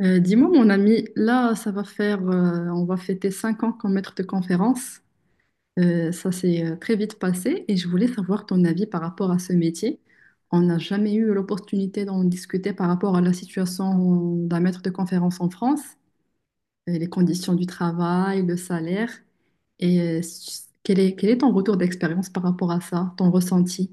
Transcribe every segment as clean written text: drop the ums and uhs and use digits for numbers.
Dis-moi, mon ami, là, ça va faire, on va fêter 5 ans comme maître de conférence. Ça s'est très vite passé et je voulais savoir ton avis par rapport à ce métier. On n'a jamais eu l'opportunité d'en discuter par rapport à la situation d'un maître de conférence en France, les conditions du travail, le salaire. Et euh, quel est ton retour d'expérience par rapport à ça, ton ressenti?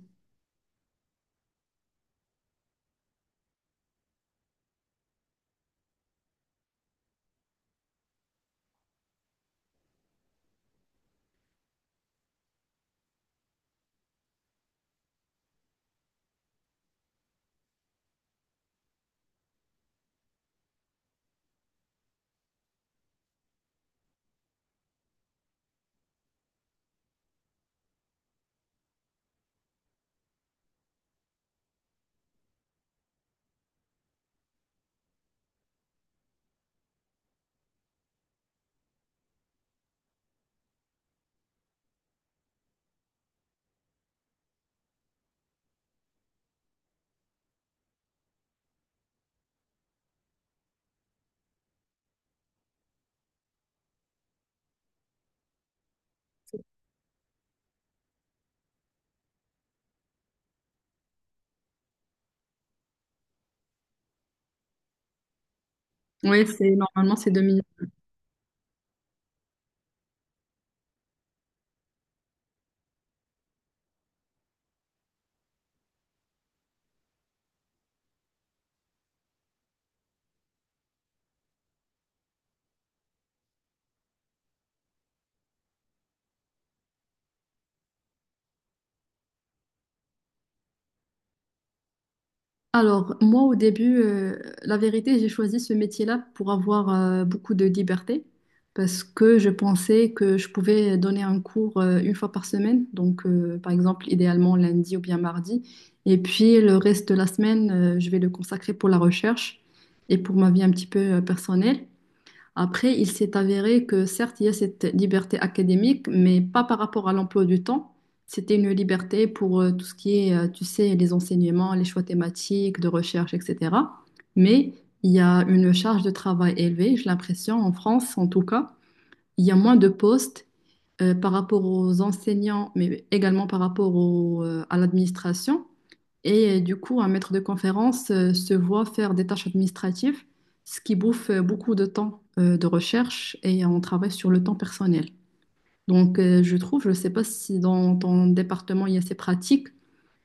Oui, c'est normalement, c'est 2... Alors, moi, au début, la vérité, j'ai choisi ce métier-là pour avoir beaucoup de liberté parce que je pensais que je pouvais donner un cours une fois par semaine, donc par exemple, idéalement lundi ou bien mardi. Et puis, le reste de la semaine, je vais le consacrer pour la recherche et pour ma vie un petit peu personnelle. Après, il s'est avéré que certes, il y a cette liberté académique, mais pas par rapport à l'emploi du temps. C'était une liberté pour tout ce qui est, tu sais, les enseignements, les choix thématiques, de recherche, etc. Mais il y a une charge de travail élevée, j'ai l'impression, en France en tout cas. Il y a moins de postes par rapport aux enseignants, mais également par rapport au, à l'administration. Du coup, un maître de conférence se voit faire des tâches administratives, ce qui bouffe beaucoup de temps de recherche et on travaille sur le temps personnel. Donc, je trouve, je ne sais pas si dans ton département il y a ces pratiques,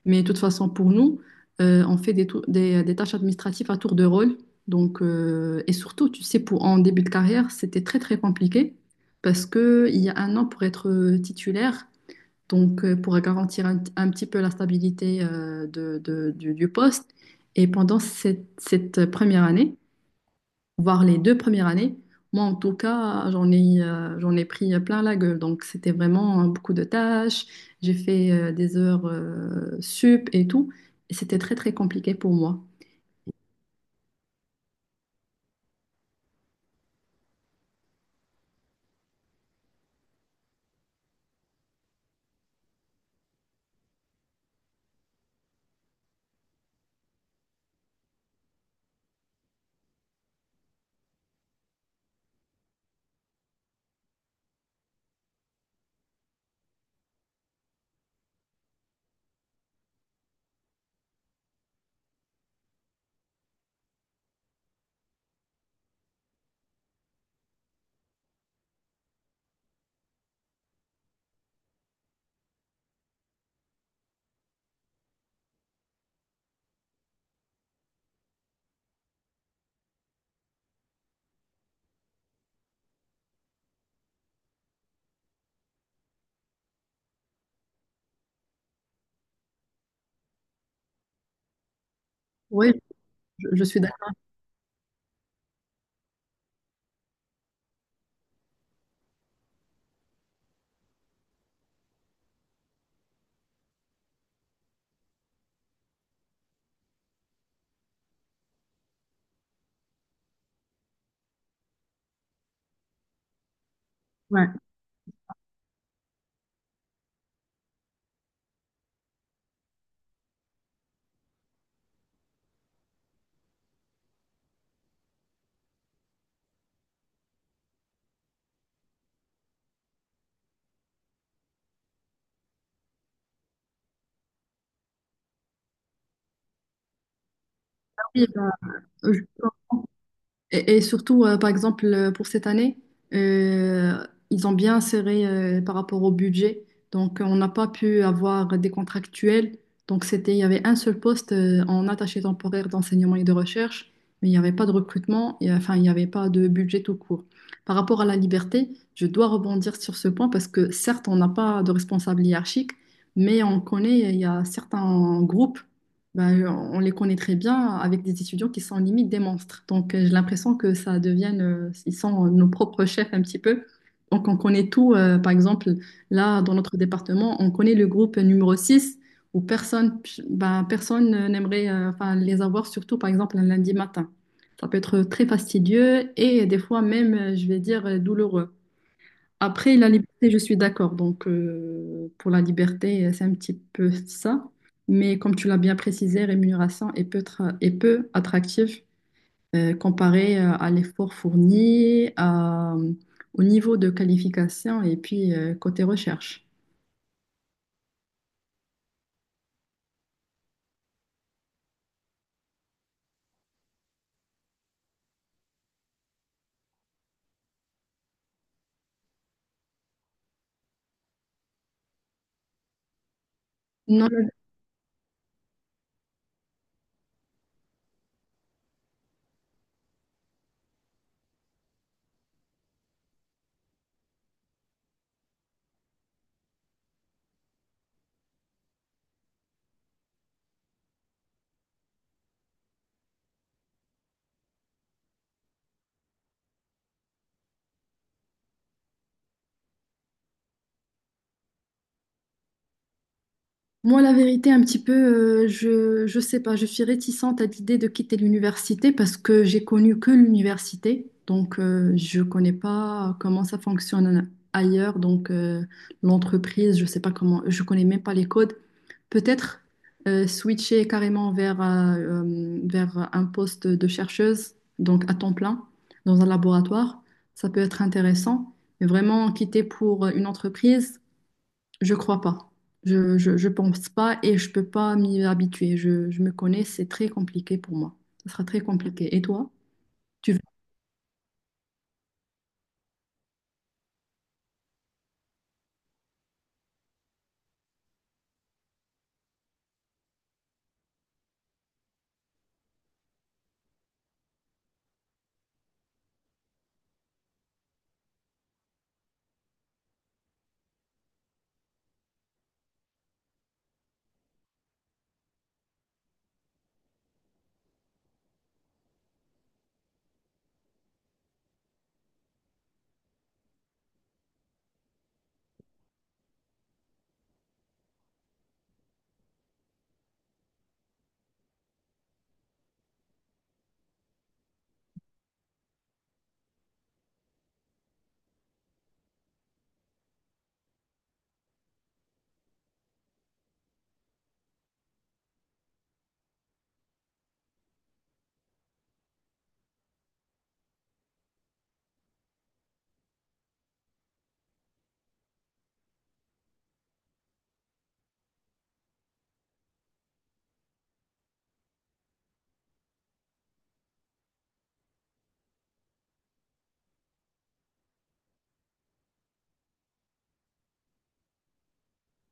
mais de toute façon, pour nous, on fait des tâches administratives à tour de rôle. Donc, et surtout, tu sais, pour, en début de carrière, c'était très, très compliqué parce qu'il y a un an pour être titulaire, donc pour garantir un petit peu la stabilité du poste. Et pendant cette première année, voire les 2 premières années, moi en tout cas, j'en ai pris plein la gueule. Donc c'était vraiment beaucoup de tâches, j'ai fait des heures sup et tout, et c'était très très compliqué pour moi. Oui, je suis d'accord. Ouais. Oui. Et surtout, par exemple, pour cette année, euh, ils ont bien serré par rapport au budget. Donc, on n'a pas pu avoir des contractuels. Donc, c'était, il y avait un seul poste en attaché temporaire d'enseignement et de recherche, mais il n'y avait pas de recrutement, enfin, il n'y avait pas de budget tout court. Par rapport à la liberté, je dois rebondir sur ce point parce que certes, on n'a pas de responsable hiérarchique, mais on connaît, il y a certains groupes, bah, on les connaît très bien avec des étudiants qui sont limite des monstres. Donc, j'ai l'impression que ça devienne, ils sont nos propres chefs un petit peu. Donc, on connaît tout. Par exemple, là, dans notre département, on connaît le groupe numéro 6 où personne, bah, personne n'aimerait enfin, les avoir, surtout par exemple un lundi matin. Ça peut être très fastidieux et des fois même, je vais dire, douloureux. Après, la liberté, je suis d'accord. Donc, pour la liberté, c'est un petit peu ça. Mais comme tu l'as bien précisé, rémunération est est peu attractive comparée à l'effort fourni, au niveau de qualification et puis côté recherche. Non. Moi, la vérité, un petit peu, je sais pas, je suis réticente à l'idée de quitter l'université parce que j'ai connu que l'université, donc je connais pas comment ça fonctionne ailleurs, donc l'entreprise, je sais pas comment, je connais même pas les codes. Peut-être switcher carrément vers un poste de chercheuse, donc à temps plein, dans un laboratoire, ça peut être intéressant. Mais vraiment quitter pour une entreprise. Je crois pas. Je pense pas et je peux pas m'y habituer. Je me connais, c'est très compliqué pour moi. Ce sera très compliqué. Et toi? Tu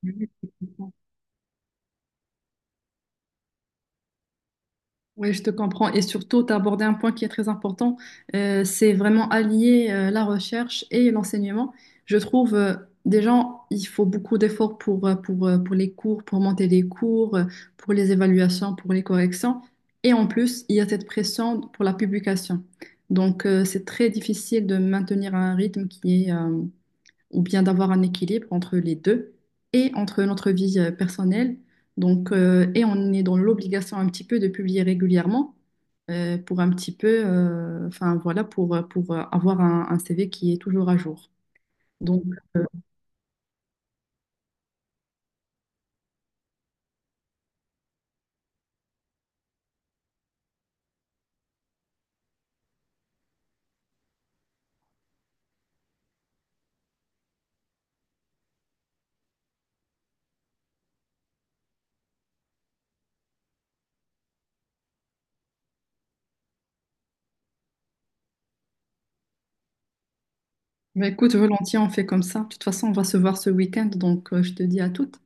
veux... Oui, je te comprends. Et surtout, tu as abordé un point qui est très important. C'est vraiment allier la recherche et l'enseignement. Je trouve, déjà, il faut beaucoup d'efforts pour les cours, pour monter les cours, pour les évaluations, pour les corrections. Et en plus, il y a cette pression pour la publication. Donc, c'est très difficile de maintenir un rythme qui est, ou bien d'avoir un équilibre entre les deux et entre notre vie personnelle. Donc, et on est dans l'obligation un petit peu de publier régulièrement pour un petit peu, enfin voilà, pour avoir un CV qui est toujours à jour. Donc, euh, bah, écoute, volontiers, on fait comme ça. De toute façon, on va se voir ce week-end, donc je te dis à toutes.